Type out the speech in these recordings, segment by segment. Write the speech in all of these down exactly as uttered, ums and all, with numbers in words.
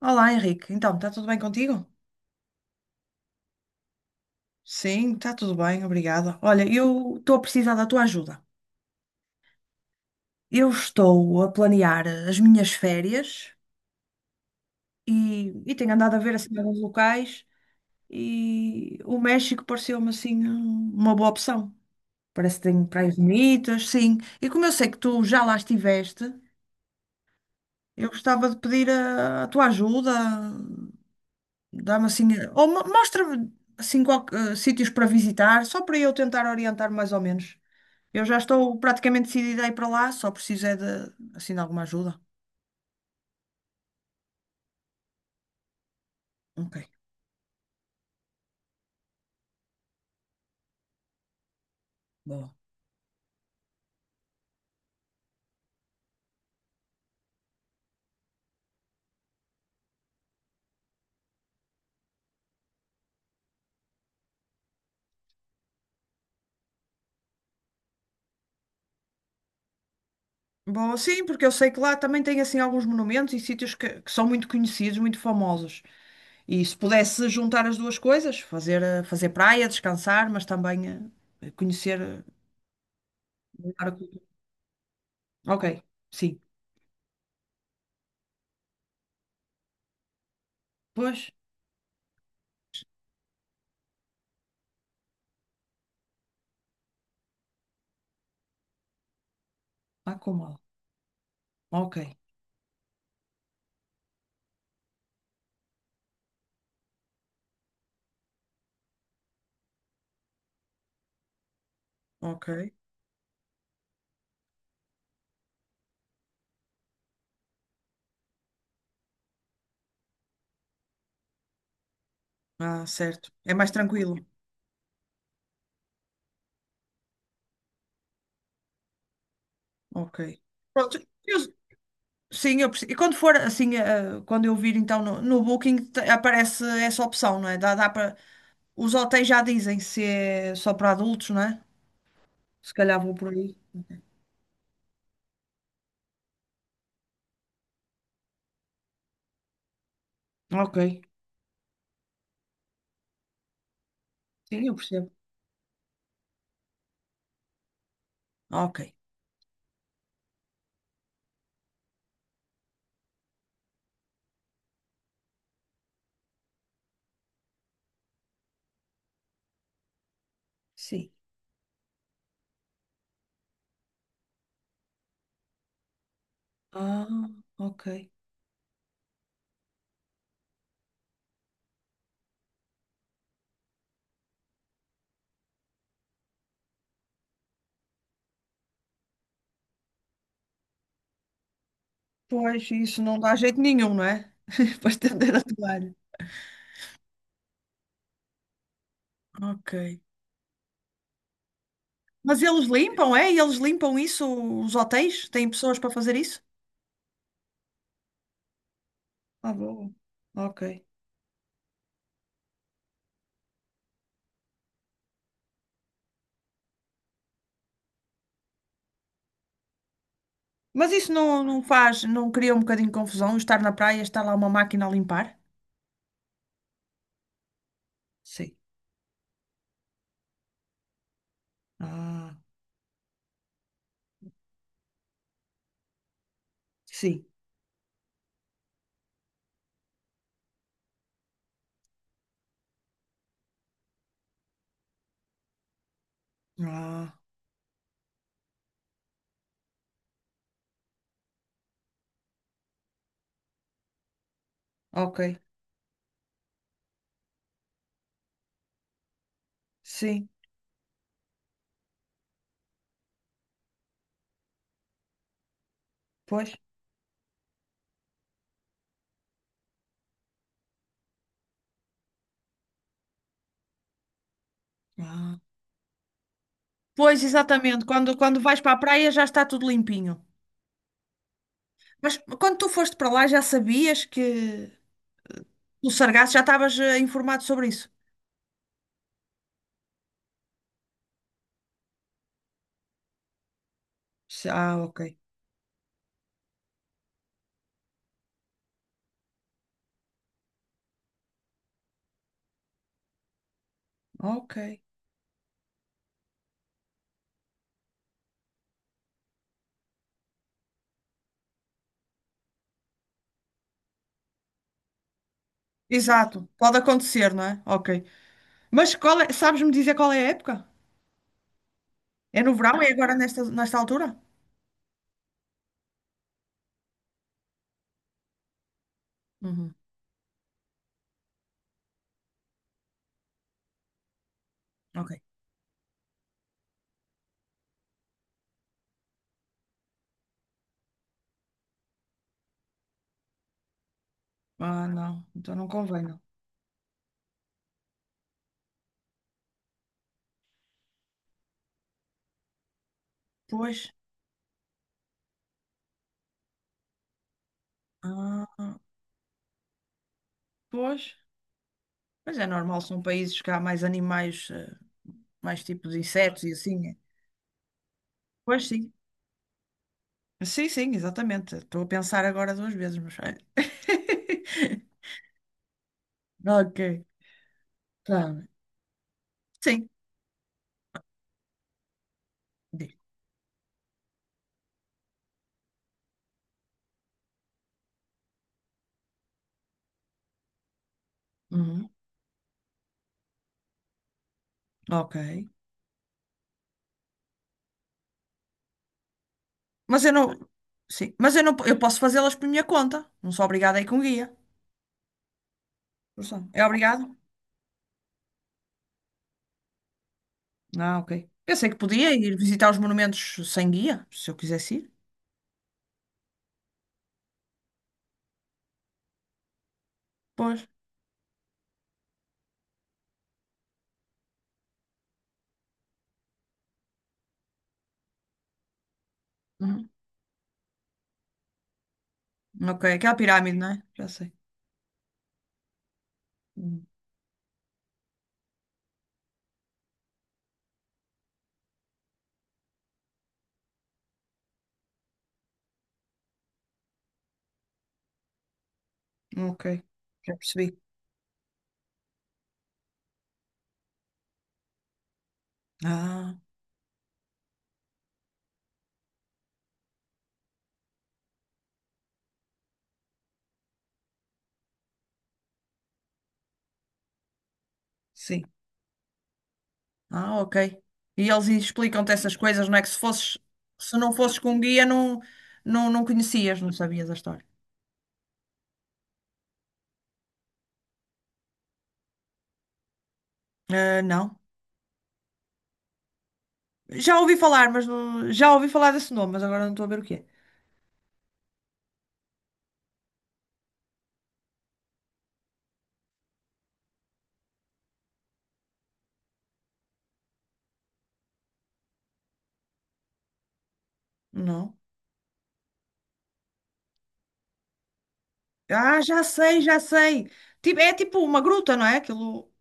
Olá, Henrique. Então, está tudo bem contigo? Sim, está tudo bem, obrigada. Olha, eu estou a precisar da tua ajuda. Eu estou a planear as minhas férias e, e tenho andado a ver assim alguns locais e o México pareceu-me assim uma boa opção. Parece que tem praias bonitas, sim. E como eu sei que tu já lá estiveste, eu gostava de pedir a, a tua ajuda, dá-me assim, ou mo- mostra-me assim qual, eh, sítios para visitar, só para eu tentar orientar mais ou menos. Eu já estou praticamente decidida a ir para lá, só preciso é de, assim, de alguma ajuda. Ok, boa. Boa, sim, porque eu sei que lá também tem, assim, alguns monumentos e sítios que, que são muito conhecidos, muito famosos. E se pudesse juntar as duas coisas, fazer, eh, fazer praia, descansar, mas também eh, conhecer eh, melhor a cultura. Ok, sim. Pois, há como há. Ok, ok. Ah, certo. É mais tranquilo. Ok. Pronto, eu, sim, eu percebo. E quando for assim, eh, quando eu vir então no, no Booking, te- aparece essa opção, não é? Dá, dá para... Os hotéis já dizem se é só para adultos, não é? Se calhar vou por aí. Ok. Sim, eu percebo. Ok, sim. Ah, ok. Pois, isso não dá jeito nenhum, não é? Para estender a toalha. Ok. Mas eles limpam, é? Eles limpam isso, os hotéis? Têm pessoas para fazer isso? Ah, bom. Ok. Mas isso não, não faz, não cria um bocadinho de confusão estar na praia, estar lá uma máquina a limpar? Sim. Ah, sim. Ah, ok. Sim, pois. Ah. Pois, exatamente. Quando, quando vais para a praia já está tudo limpinho. Mas quando tu foste para lá já sabias que o sargaço já estavas eh, informado sobre isso? Se- Ah, ok. Ok. Exato. Pode acontecer, não é? Ok. Mas qual é, sabes-me dizer qual é a época? É no verão? É agora nesta, nesta altura? Uhum. Ok. Ah, não. Então não convém, não. Pois. Ah, pois. Mas é normal, são países que há mais animais, eh, mais tipos de insetos e assim. É. Pois sim. Sim, sim, exatamente. Estou a pensar agora duas vezes, mas. Ok. Tá, bem. Sim. Diz. Uhum. Ok. Mas eu não. Sim. Mas eu não. Eu posso fazê-las por minha conta. Não sou obrigada a ir com guia. Porção. É obrigado? Ah, ok. Pensei que podia ir visitar os monumentos sem guia, se eu quisesse ir. Pois. Uhum. Ok, aquela pirâmide, não é? Já sei. Hum, ok, já percebi. Ah, sim. Ah, ok. E eles explicam-te essas coisas, não é? Que se fosses, se não fosses com um guia, não, não, não conhecias, não sabias a história. Ah, não. Já ouvi falar, mas não- já ouvi falar desse nome, mas agora não estou a ver o que é. Não. Ah, já sei, já sei. Tipo, é tipo uma gruta, não é? Aquilo.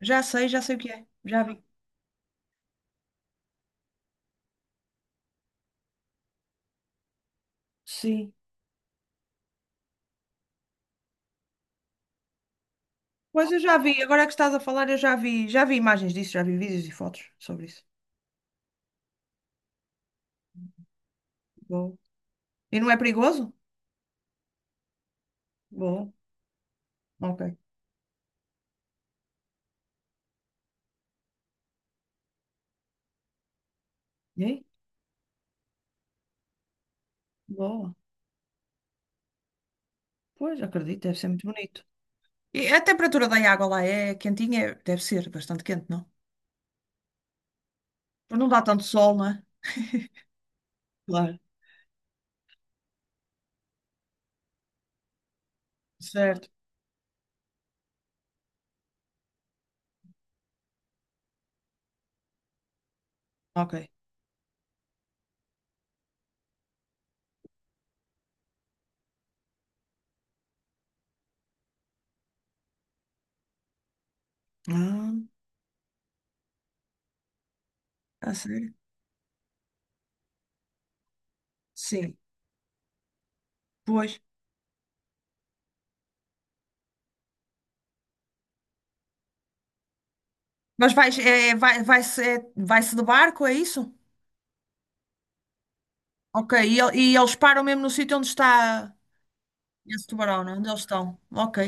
Já sei, já sei o que é. Já vi. Sim. Pois eu já vi, agora que estás a falar, eu já vi, já vi imagens disso, já vi vídeos e fotos sobre isso. Boa. E não é perigoso? Boa. Ok. E aí? Boa. Pois, acredito, deve ser muito bonito. E a temperatura da água lá é quentinha? É- Deve ser bastante quente, não? Pois. Não dá tanto sol, não é? Claro. Certo. Ok. Ah, a sério? Sim. Pois. Mas vais, é, vai, vai-se, é- vai-se de barco, é isso? Ok. E, el- e eles param mesmo no sítio onde está esse tubarão, não? É? Onde eles estão. Ok.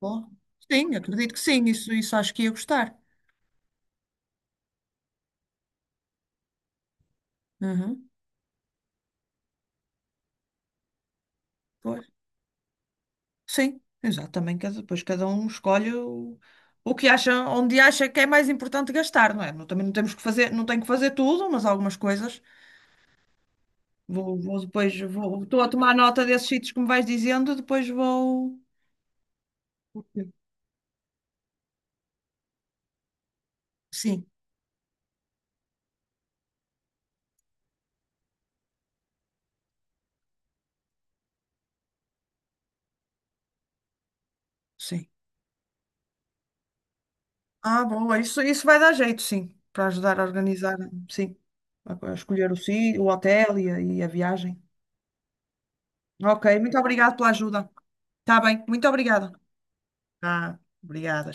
Bom, sim, acredito que sim. Isso, isso acho que ia gostar. Uhum. Pois. Sim, exato. Também cada, depois cada um escolhe o, o que acha, onde acha que é mais importante gastar, não é? Não- Também não temos que fazer, não tenho que fazer tudo, mas algumas coisas. Vou, vou depois, vou, estou a tomar nota desses sítios que me vais dizendo, depois vou. Ok. Sim, sim. Ah, boa, isso, isso vai dar jeito, sim, para ajudar a organizar, sim, a, a escolher o sítio, o hotel e a, e a viagem. Ok, muito obrigada pela ajuda. Está bem, muito obrigada. Ah, obrigada.